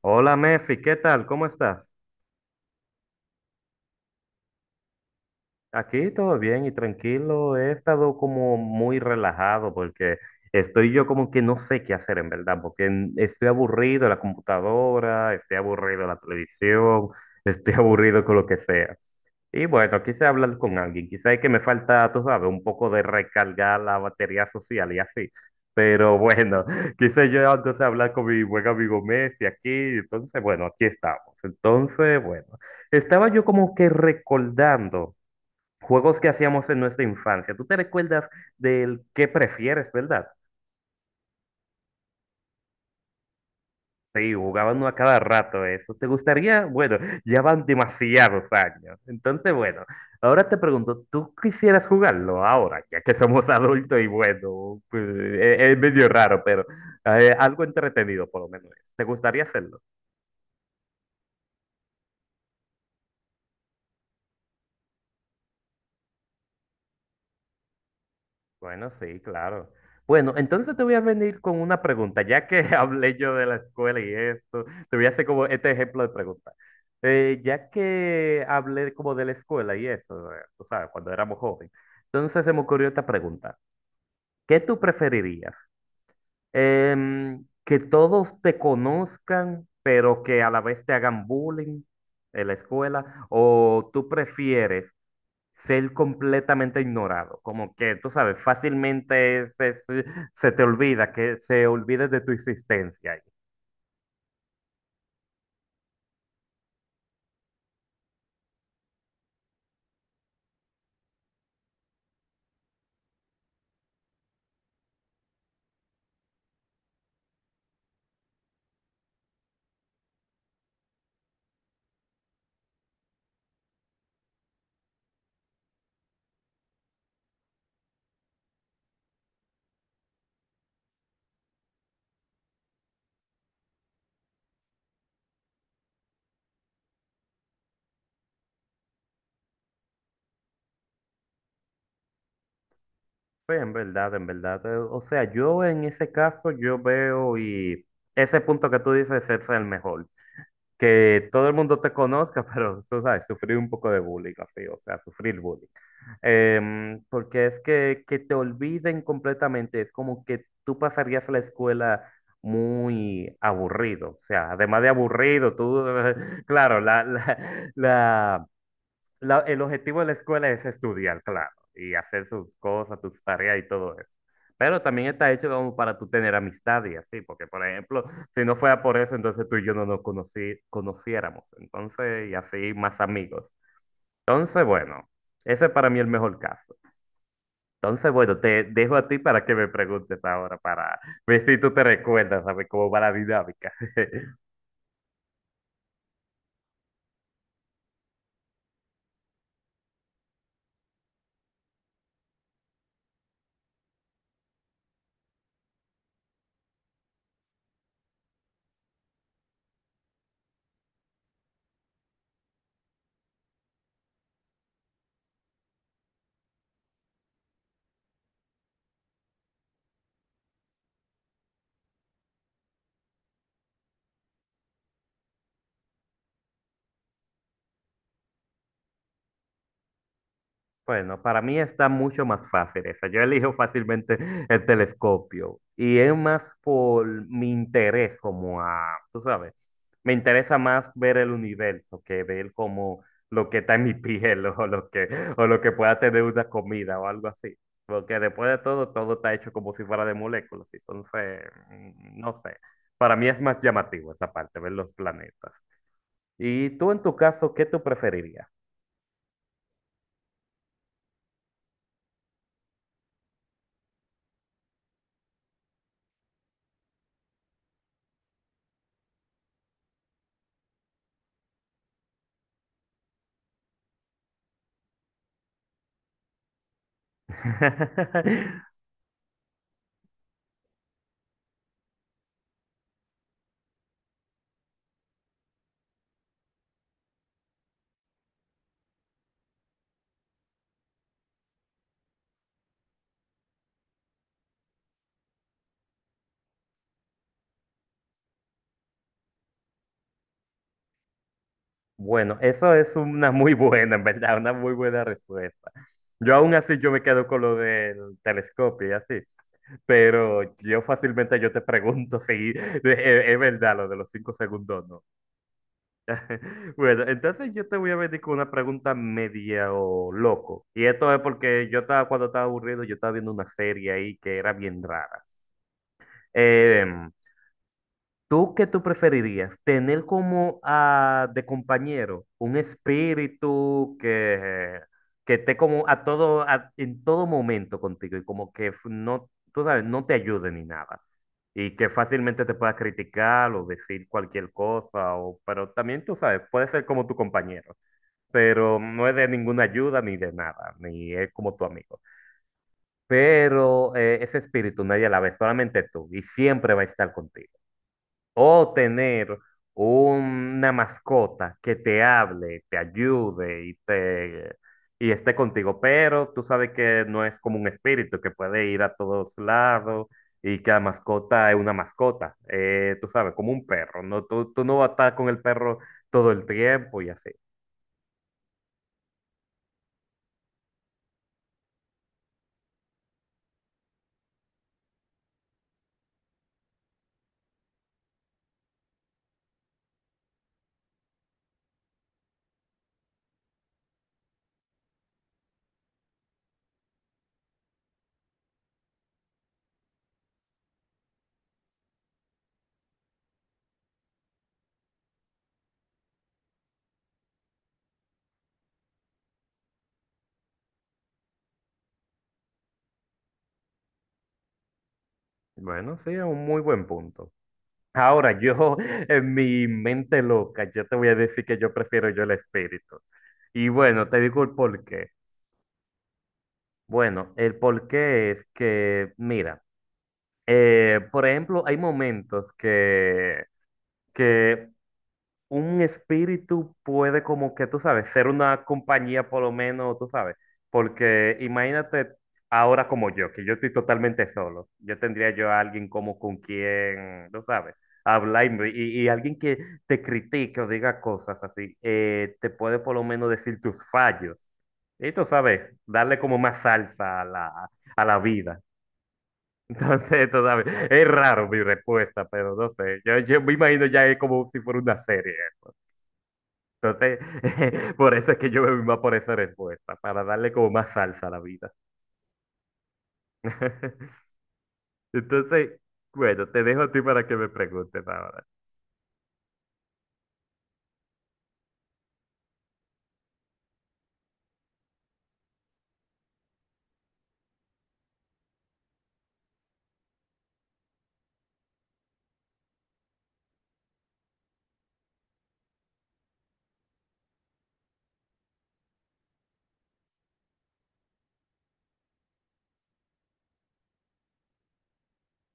Hola Mefi, ¿qué tal? ¿Cómo estás? Aquí todo bien y tranquilo. He estado como muy relajado porque estoy yo como que no sé qué hacer en verdad, porque estoy aburrido de la computadora, estoy aburrido de la televisión, estoy aburrido con lo que sea. Y bueno, quise hablar con alguien, quizá es que me falta, tú sabes, un poco de recargar la batería social y así. Pero bueno, quise yo entonces hablar con mi buen amigo Messi aquí, entonces bueno, aquí estamos. Entonces, bueno, estaba yo como que recordando juegos que hacíamos en nuestra infancia. ¿Tú te recuerdas del qué prefieres, verdad? Sí, jugaban uno a cada rato eso. ¿Te gustaría? Bueno, ya van demasiados años. Entonces, bueno, ahora te pregunto, ¿tú quisieras jugarlo ahora? Ya que somos adultos y bueno, pues, es, medio raro, pero algo entretenido por lo menos. Es. ¿Te gustaría hacerlo? Bueno, sí, claro. Bueno, entonces te voy a venir con una pregunta, ya que hablé yo de la escuela y esto, te voy a hacer como este ejemplo de pregunta. Ya que hablé como de la escuela y eso, tú sabes, cuando éramos jóvenes, entonces se me ocurrió esta pregunta. ¿Qué tú preferirías? ¿Que todos te conozcan, pero que a la vez te hagan bullying en la escuela? ¿O tú prefieres ser completamente ignorado, como que tú sabes, fácilmente se te olvida, que se olvide de tu existencia. Ahí. Sí, en verdad, en verdad. O sea, yo en ese caso, yo veo y ese punto que tú dices es el mejor, que todo el mundo te conozca, pero tú sabes, sufrir un poco de bullying, así, o sea, sufrir bullying. Porque es que te olviden completamente, es como que tú pasarías la escuela muy aburrido, o sea, además de aburrido, tú, claro, la- el objetivo de la escuela es estudiar, claro, y hacer sus cosas, tus tareas y todo eso. Pero también está hecho como para tú tener amistad y así, porque por ejemplo, si no fuera por eso, entonces tú y yo no nos conociéramos, entonces, y así más amigos. Entonces, bueno, ese es para mí el mejor caso. Entonces, bueno, te dejo a ti para que me preguntes ahora, para ver si tú te recuerdas, ¿sabes cómo va la dinámica? Bueno, para mí está mucho más fácil esa. Yo elijo fácilmente el telescopio y es más por mi interés como a, tú sabes, me interesa más ver el universo que ver como lo que está en mi piel o lo que pueda tener una comida o algo así. Porque después de todo, todo está hecho como si fuera de moléculas. Entonces, no sé. Para mí es más llamativo esa parte, ver los planetas. Y tú en tu caso, ¿qué tú preferirías? Bueno, eso es una muy buena, en verdad, una muy buena respuesta. Yo aún así yo me quedo con lo del telescopio y así, pero yo fácilmente yo te pregunto si es verdad lo de los 5 segundos, ¿no? Bueno, entonces yo te voy a venir con una pregunta media o loco. Y esto es porque yo estaba, cuando estaba aburrido, yo estaba viendo una serie ahí que era bien rara. Em, ¿Tú qué tú preferirías? ¿Tener como ah, de compañero un espíritu que esté como a todo, en todo momento contigo y como que no, tú sabes, no te ayude ni nada? Y que fácilmente te pueda criticar o decir cualquier cosa, o, pero también tú sabes, puede ser como tu compañero, pero no es de ninguna ayuda ni de nada, ni es como tu amigo. Pero ese espíritu nadie la ve, solamente tú, y siempre va a estar contigo. O tener una mascota que te hable, te ayude y te y esté contigo, pero tú sabes que no es como un espíritu que puede ir a todos lados y que la mascota es una mascota, tú sabes, como un perro, no, tú no vas a estar con el perro todo el tiempo y así. Bueno, sí, es un muy buen punto. Ahora, yo, en mi mente loca, yo te voy a decir que yo prefiero yo el espíritu. Y bueno, te digo el porqué. Bueno, el por qué es que, mira, por ejemplo, hay momentos que un espíritu puede como que, tú sabes, ser una compañía por lo menos, tú sabes, porque imagínate ahora como yo, que yo estoy totalmente solo, yo tendría yo a alguien como con quien, tú sabes, hablar y alguien que te critique o diga cosas así, te puede por lo menos decir tus fallos. Y tú sabes, darle como más salsa a a la vida. Entonces, tú sabes, es raro mi respuesta, pero no sé, yo me imagino ya es como si fuera una serie. ¿No? Entonces, por eso es que yo me voy más por esa respuesta, para darle como más salsa a la vida. Entonces, bueno, te dejo a ti para que me preguntes ahora.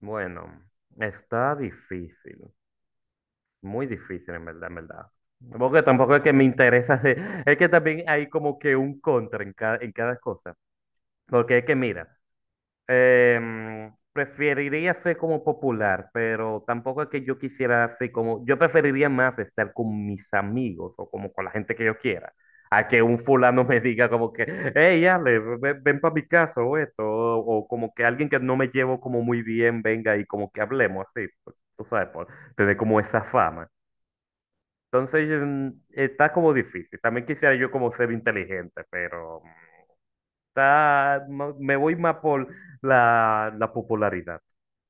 Bueno, está difícil, muy difícil en verdad, en verdad. Porque tampoco es que me interesa, es que también hay como que un contra en en cada cosa. Porque es que mira, preferiría ser como popular, pero tampoco es que yo quisiera ser como, yo preferiría más estar con mis amigos o como con la gente que yo quiera, a que un fulano me diga como que, hey, Ale, ven, para mi casa o esto, o como que alguien que no me llevo como muy bien venga y como que hablemos así, pues, tú sabes, por tener como esa fama. Entonces, está como difícil. También quisiera yo como ser inteligente, pero... Está, me voy más por la popularidad.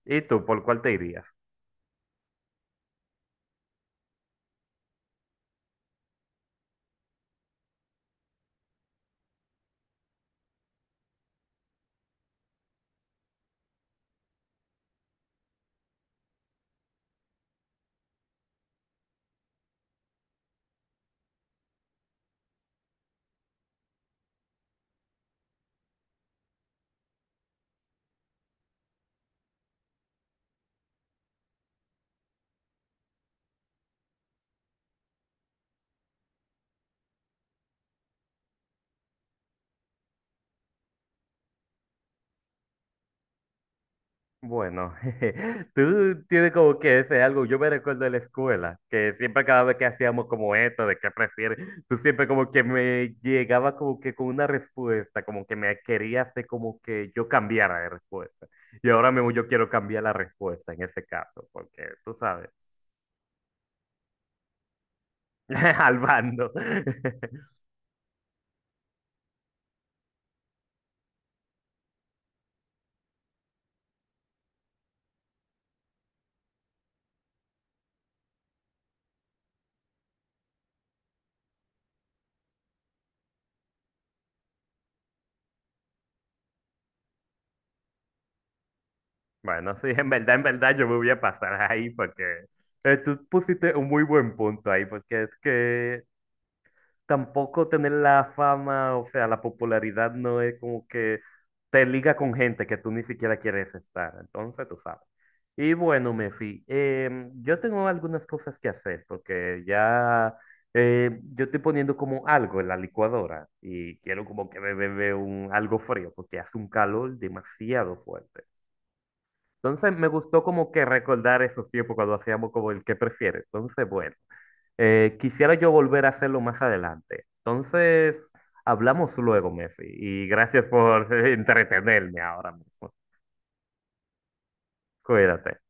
¿Y tú, por cuál te irías? Bueno, jeje, tú tienes como que ese algo, yo me recuerdo de la escuela, que siempre cada vez que hacíamos como esto, de qué prefieres, tú siempre como que me llegaba como que con una respuesta, como que me quería hacer como que yo cambiara de respuesta. Y ahora mismo yo quiero cambiar la respuesta en ese caso, porque tú sabes, al bando. Bueno, sí, en verdad yo me voy a pasar ahí porque tú pusiste un muy buen punto ahí, porque es que tampoco tener la fama, o sea, la popularidad no es como que te liga con gente que tú ni siquiera quieres estar, entonces tú sabes. Y bueno, Mefi, yo tengo algunas cosas que hacer porque ya yo estoy poniendo como algo en la licuadora y quiero como que me bebe un, algo frío porque hace un calor demasiado fuerte. Entonces me gustó como que recordar esos tiempos cuando hacíamos como el que prefieres. Entonces, bueno, quisiera yo volver a hacerlo más adelante. Entonces, hablamos luego, Messi, y gracias por entretenerme ahora mismo. Cuídate.